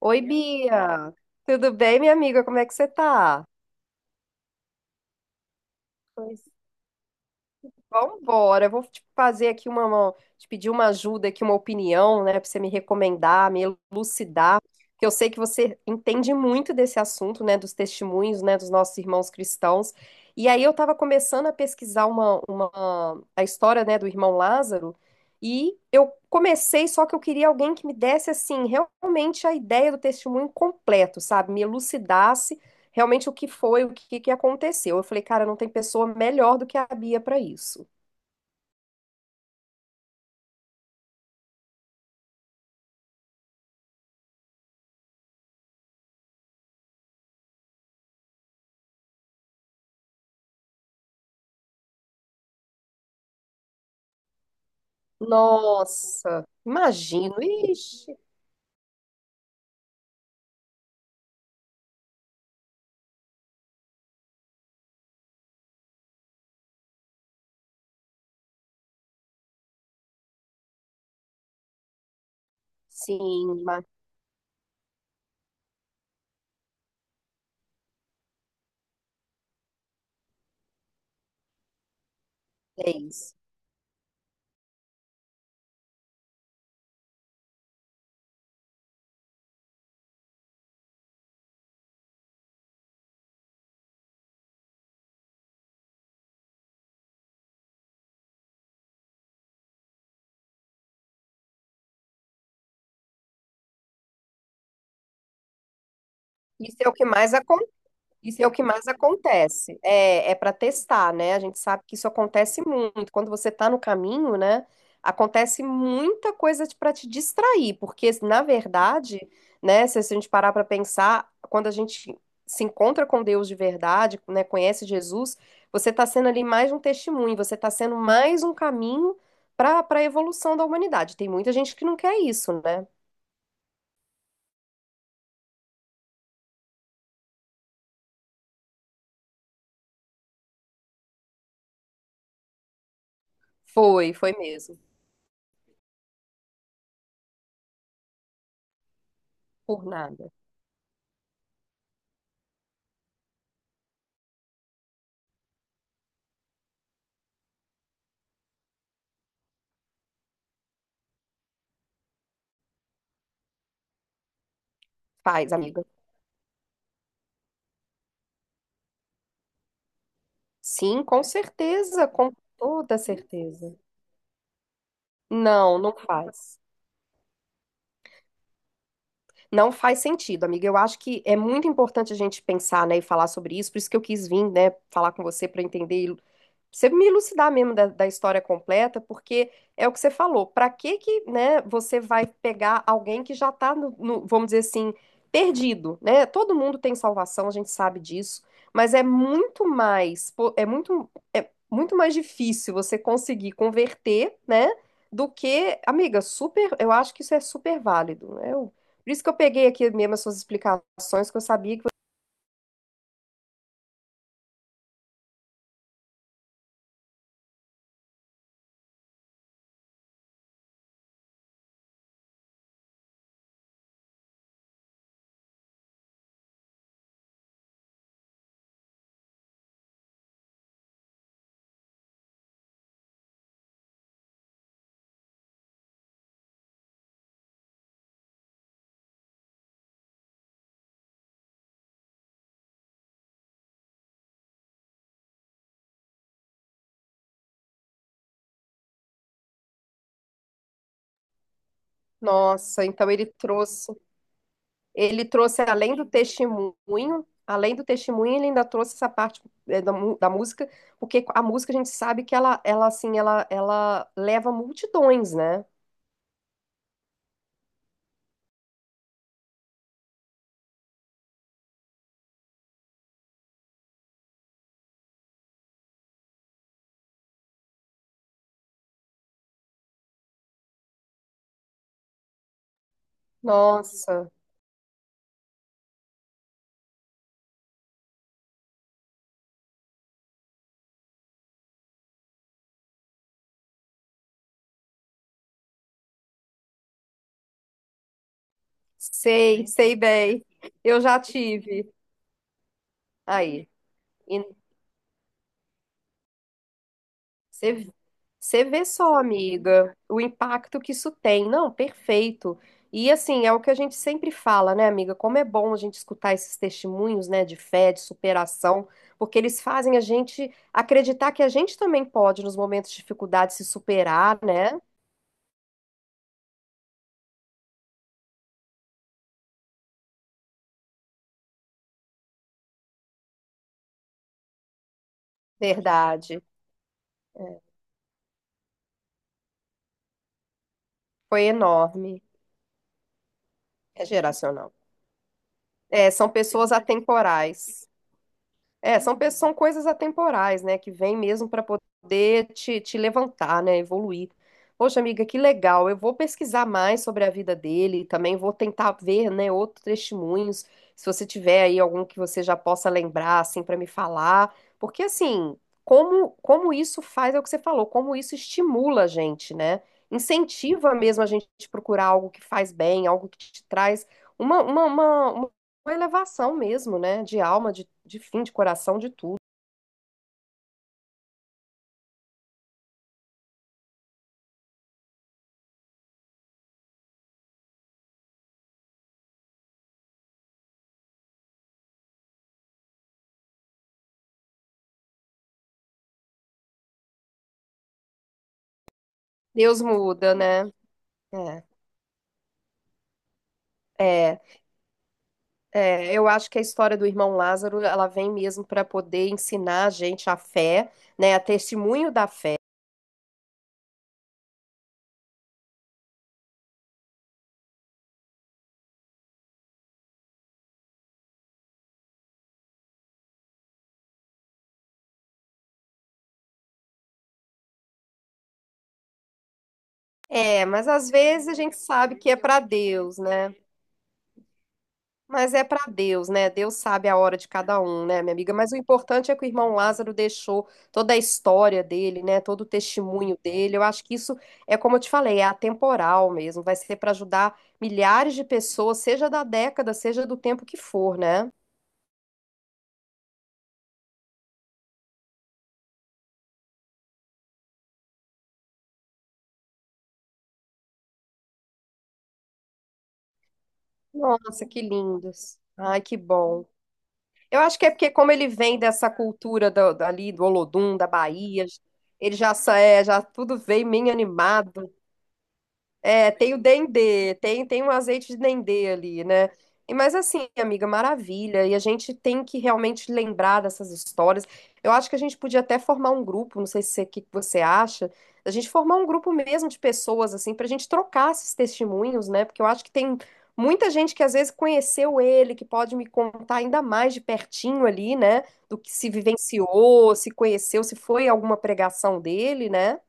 Oi, Bia. Tudo bem, minha amiga? Como é que você tá? Pois, vambora. Eu vou te fazer aqui te pedir uma ajuda aqui, uma opinião, né, para você me recomendar, me elucidar, que eu sei que você entende muito desse assunto, né, dos testemunhos, né, dos nossos irmãos cristãos. E aí eu estava começando a pesquisar uma a história, né, do irmão Lázaro, e eu comecei, só que eu queria alguém que me desse assim, realmente a ideia do testemunho completo, sabe? Me elucidasse realmente o que foi, o que, que aconteceu. Eu falei, cara, não tem pessoa melhor do que a Bia para isso. Nossa, imagino. Ixi, sim, mas é isso. Isso é o que mais Isso é o que mais acontece. É, é para testar, né? A gente sabe que isso acontece muito. Quando você tá no caminho, né? Acontece muita coisa para te distrair, porque na verdade, né? Se a gente parar para pensar, quando a gente se encontra com Deus de verdade, né? Conhece Jesus, você tá sendo ali mais um testemunho, você tá sendo mais um caminho para a evolução da humanidade. Tem muita gente que não quer isso, né? Foi mesmo. Por nada. Faz, amiga. Sim, com certeza, com toda certeza. Não, não faz. Não faz sentido, amiga. Eu acho que é muito importante a gente pensar, né, e falar sobre isso. Por isso que eu quis vir, né, falar com você para entender, você me elucidar mesmo da história completa, porque é o que você falou. Para que que, né, você vai pegar alguém que já está no, vamos dizer assim, perdido, né? Todo mundo tem salvação, a gente sabe disso, mas é muito mais, pô, é muito mais difícil você conseguir converter, né, do que, amiga, super, eu acho que isso é super válido, né? Por isso que eu peguei aqui mesmo as suas explicações, que eu sabia que, nossa, então ele trouxe, além do testemunho, ele ainda trouxe essa parte, é, da música, porque a música a gente sabe que ela assim, ela leva multidões, né? Nossa, sei, sei bem. Eu já tive. Aí. E você, você vê só, amiga, o impacto que isso tem. Não, perfeito. E assim, é o que a gente sempre fala, né, amiga? Como é bom a gente escutar esses testemunhos, né, de fé, de superação, porque eles fazem a gente acreditar que a gente também pode, nos momentos de dificuldade, se superar, né? Verdade. Foi enorme. É geracional. É, são pessoas atemporais. É, são coisas atemporais, né? Que vem mesmo para poder te, te levantar, né? Evoluir. Poxa, amiga, que legal. Eu vou pesquisar mais sobre a vida dele, também vou tentar ver, né, outros testemunhos. Se você tiver aí algum que você já possa lembrar, assim, para me falar. Porque, assim, como, como isso faz, é o que você falou, como isso estimula a gente, né? Incentiva mesmo a gente procurar algo que faz bem, algo que te traz Uma, uma, uma, uma elevação mesmo, né? De alma, de fim, de coração, de tudo. Deus muda, né? É, é, eu acho que a história do irmão Lázaro, ela vem mesmo para poder ensinar a gente a fé, né? A testemunho da fé. É, mas às vezes a gente sabe que é para Deus, né? Mas é para Deus, né? Deus sabe a hora de cada um, né, minha amiga? Mas o importante é que o irmão Lázaro deixou toda a história dele, né? Todo o testemunho dele. Eu acho que isso é, como eu te falei, é atemporal mesmo. Vai ser para ajudar milhares de pessoas, seja da década, seja do tempo que for, né? Nossa, que lindos. Ai, que bom. Eu acho que é porque, como ele vem dessa cultura do, ali do Olodum, da Bahia, ele já, é, já tudo veio meio animado. É, tem o dendê, tem, tem um azeite de dendê ali, né? E, mas assim, amiga, maravilha. E a gente tem que realmente lembrar dessas histórias. Eu acho que a gente podia até formar um grupo, não sei se o que que você acha, a gente formar um grupo mesmo de pessoas, assim, pra gente trocar esses testemunhos, né? Porque eu acho que tem muita gente que às vezes conheceu ele, que pode me contar ainda mais de pertinho ali, né? Do que se vivenciou, se conheceu, se foi alguma pregação dele, né?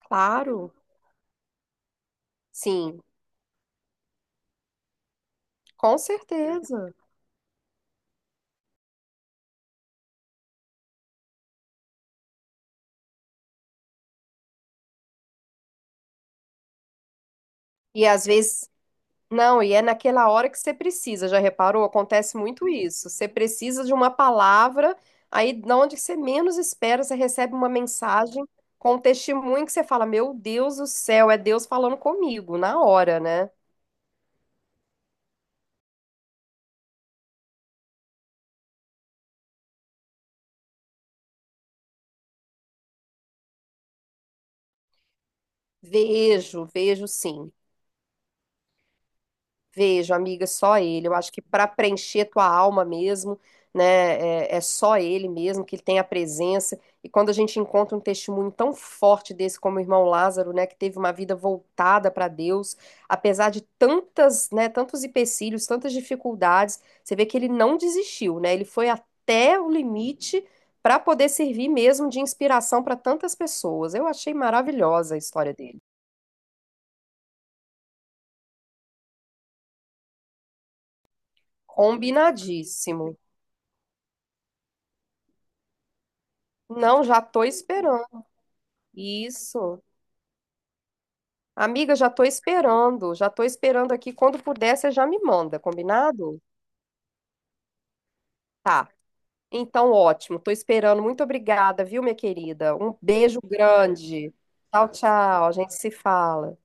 Claro. Sim. Com certeza. E às vezes, não, e é naquela hora que você precisa, já reparou? Acontece muito isso. Você precisa de uma palavra, aí na onde você menos espera, você recebe uma mensagem com um testemunho que você fala: Meu Deus do céu, é Deus falando comigo, na hora, né? Vejo, vejo sim. Vejo, amiga, só ele. Eu acho que para preencher tua alma mesmo, né, é só ele mesmo que tem a presença. E quando a gente encontra um testemunho tão forte desse como o irmão Lázaro, né, que teve uma vida voltada para Deus, apesar de tantas, né, tantos empecilhos, tantas dificuldades, você vê que ele não desistiu, né? Ele foi até o limite para poder servir mesmo de inspiração para tantas pessoas. Eu achei maravilhosa a história dele. Combinadíssimo. Não, já tô esperando. Isso. Amiga, já tô esperando aqui. Quando puder, você já me manda, combinado? Tá. Então, ótimo. Tô esperando. Muito obrigada, viu, minha querida? Um beijo grande. Tchau, tchau. A gente se fala.